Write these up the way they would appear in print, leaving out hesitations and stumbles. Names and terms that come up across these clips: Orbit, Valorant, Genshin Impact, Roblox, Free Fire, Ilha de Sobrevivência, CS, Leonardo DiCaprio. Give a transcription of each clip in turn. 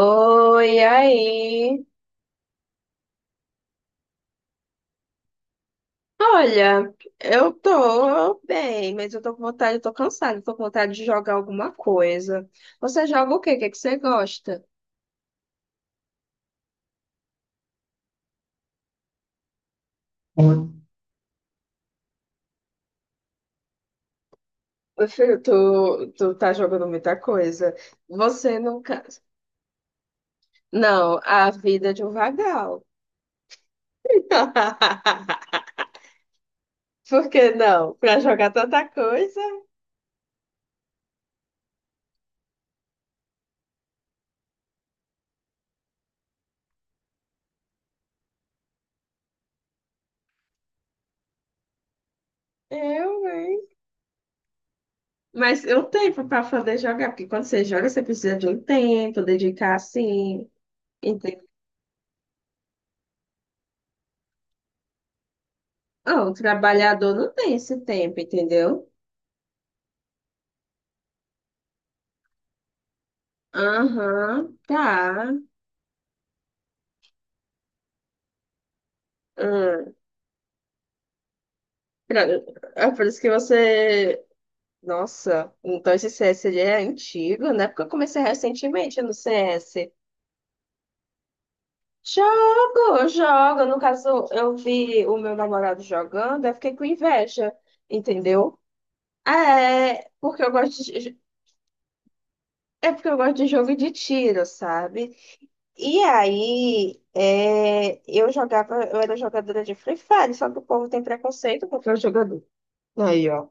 Oi, aí. Olha, eu tô cansada, eu tô com vontade de jogar alguma coisa. Você joga o quê? O que que você gosta? Meu filho, tu tá jogando muita coisa. Você nunca. Não, a vida é de um vagal. Por que não? Pra jogar tanta coisa? Eu, hein? Mas eu tenho para poder jogar, porque quando você joga, você precisa de um tempo, dedicar assim. Ah, o trabalhador não tem esse tempo, entendeu? Aham, tá. Hum. Pra- É por isso que você. Nossa, então esse CS ele é antigo, né? Porque eu comecei recentemente no CS. Jogo, jogo. No caso, eu vi o meu namorado jogando, eu fiquei com inveja, entendeu? É, porque eu gosto de... É porque eu gosto de jogo de tiro, sabe? E aí, eu jogava, eu era jogadora de Free Fire, só que o povo tem preconceito contra eu jogador. Aí, ó.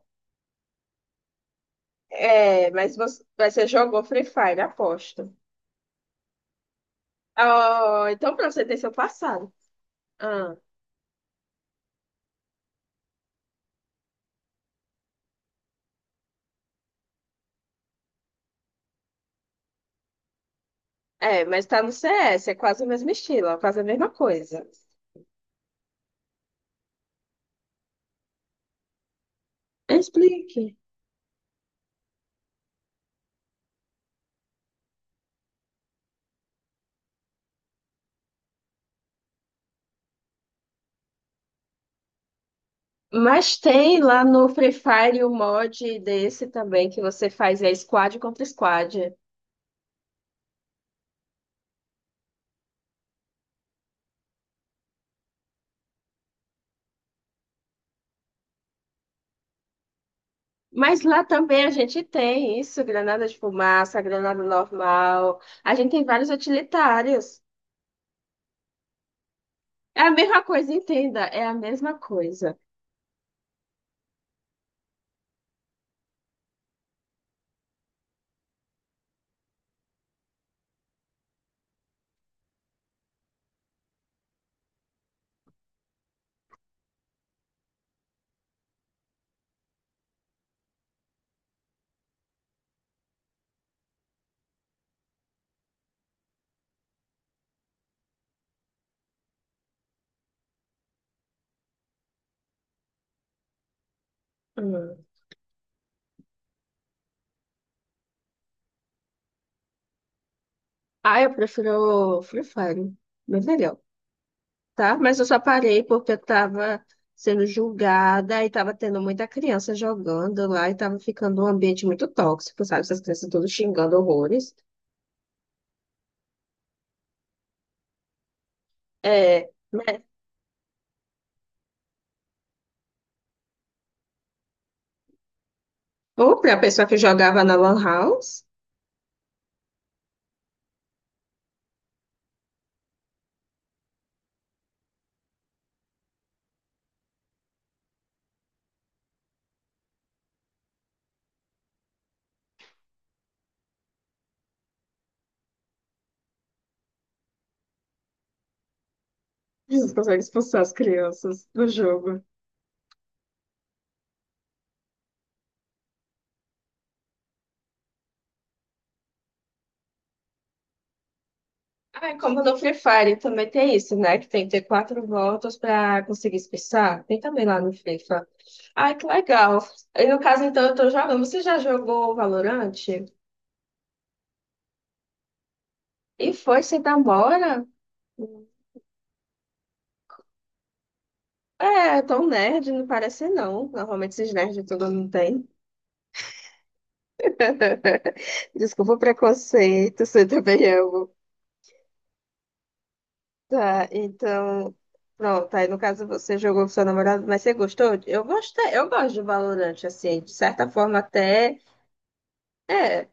É, mas você jogou Free Fire, aposto. Oh, então pra você ter seu passado. Ah, é, mas tá no C. S. é quase o mesmo estilo, é quase a mesma coisa. Explique. Mas tem lá no Free Fire o mod desse também que você faz é squad contra squad. Mas lá também a gente tem isso, granada de fumaça, granada normal. A gente tem vários utilitários. É a mesma coisa, entenda, é a mesma coisa. Hum. Ah, eu prefiro Free Fire, bem melhor, tá? Mas eu só parei porque eu tava sendo julgada e tava tendo muita criança jogando lá e tava ficando um ambiente muito tóxico, sabe? Essas crianças todas xingando horrores. É, né? Ou pra pessoa que jogava na Lan House, consegue expulsar as crianças do jogo. Ah, como no Free Fire também tem isso, né? Que tem que ter quatro voltas pra conseguir expulsar. Tem também lá no FIFA. Ai, que legal. E no caso, então, eu tô jogando. Você já jogou Valorant? E foi sem demora? É, tão nerd, não parece não. Normalmente esses nerds todo mundo tem. Desculpa o preconceito, você também amo. Tá, então. Pronto, aí no caso você jogou com seu namorado, mas você gostou? Eu gostei, eu gosto de Valorant, assim, de certa forma até. É.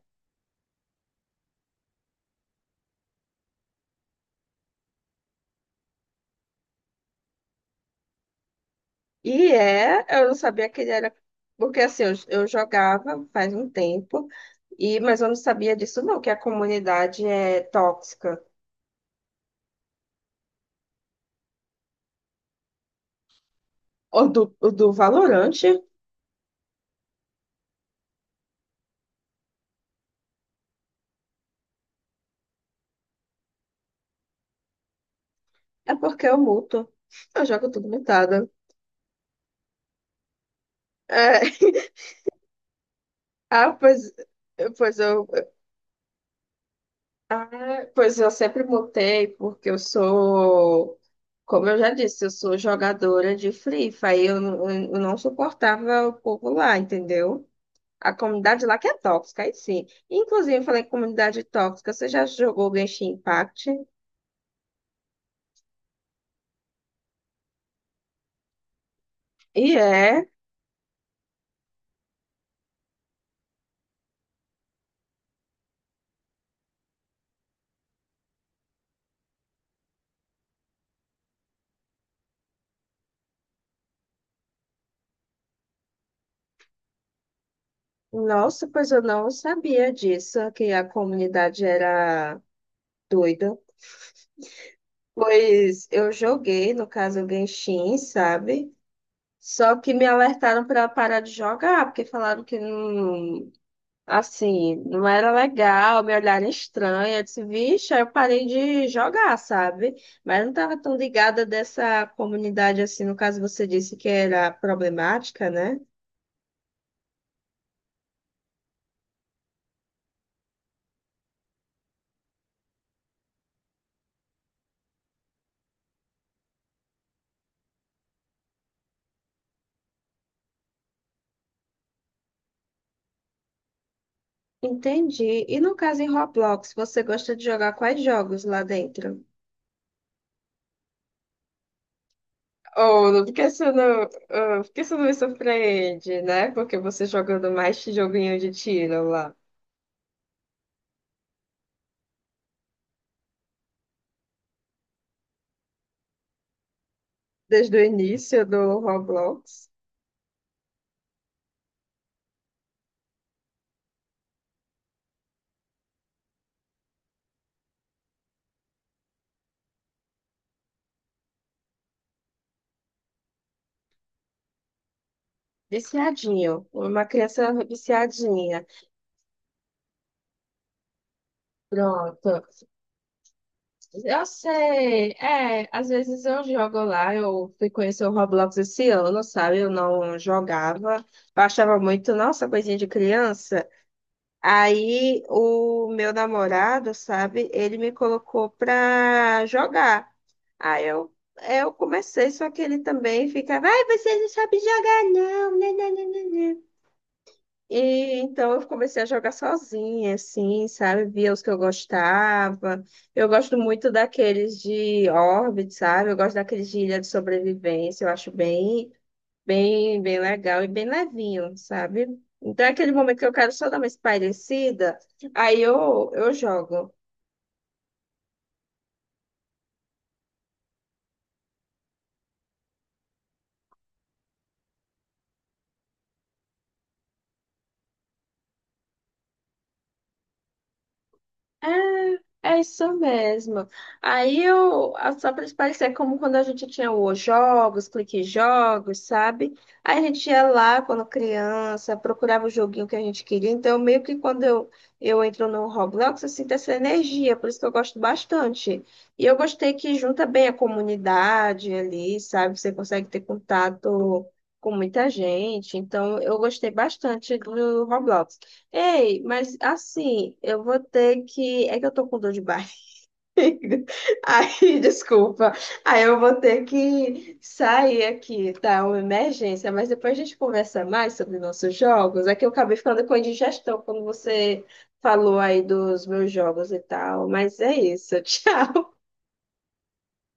E é, eu não sabia que ele era. Porque assim, eu jogava faz um tempo, e mas eu não sabia disso, não, que a comunidade é tóxica. O do Valorante é porque eu muto. Eu jogo tudo mutada. É. Ah, pois eu. Ah, pois eu sempre mutei, porque eu sou. Como eu já disse, eu sou jogadora de Free Fire, eu não suportava o povo lá, entendeu? A comunidade lá que é tóxica, aí sim. Inclusive, eu falei que comunidade tóxica, você já jogou Genshin Impact? E é. Nossa, pois eu não sabia disso, que a comunidade era doida. Pois eu joguei, no caso, o Genshin, sabe? Só que me alertaram para parar de jogar, porque falaram que não, assim, não era legal, me olharem estranha. Eu disse, vixe, aí eu parei de jogar, sabe? Mas eu não estava tão ligada dessa comunidade assim, no caso você disse que era problemática, né? Entendi. E no caso em Roblox, você gosta de jogar quais jogos lá dentro? Oh, por que você não, ah, por que não me surpreende, né? Porque você jogando mais esse joguinho de tiro lá. Desde o início do Roblox. Viciadinho. Uma criança viciadinha. Pronto. Eu sei. É, às vezes eu jogo lá, eu fui conhecer o Roblox esse ano, sabe? Eu não jogava. Eu achava muito, nossa, coisinha de criança. Aí o meu namorado, sabe, ele me colocou pra jogar. Aí eu, eu comecei, só que ele também ficava, ai, você não sabe jogar, não. né, né, né, né, né." E então eu comecei a jogar sozinha, assim, sabe? Via os que eu gostava. Eu gosto muito daqueles de Orbit, sabe? Eu gosto daqueles de Ilha de Sobrevivência, eu acho bem legal e bem levinho, sabe? Então é aquele momento que eu quero só dar uma espairecida, eu jogo. É, é isso mesmo. Só para parecer como quando a gente tinha os jogos, clique jogos, sabe? Aí a gente ia lá quando criança, procurava o joguinho que a gente queria. Então, meio que eu entro no Roblox, eu sinto essa energia, por isso que eu gosto bastante. E eu gostei que junta bem a comunidade ali, sabe? Você consegue ter contato com muita gente. Então, eu gostei bastante do Roblox. Ei, mas assim, eu vou ter que. É que eu tô com dor de barriga. Aí, desculpa. Aí eu vou ter que sair aqui, tá? Uma emergência. Mas depois a gente conversa mais sobre nossos jogos. É que eu acabei ficando com indigestão quando você falou aí dos meus jogos e tal. Mas é isso. Tchau.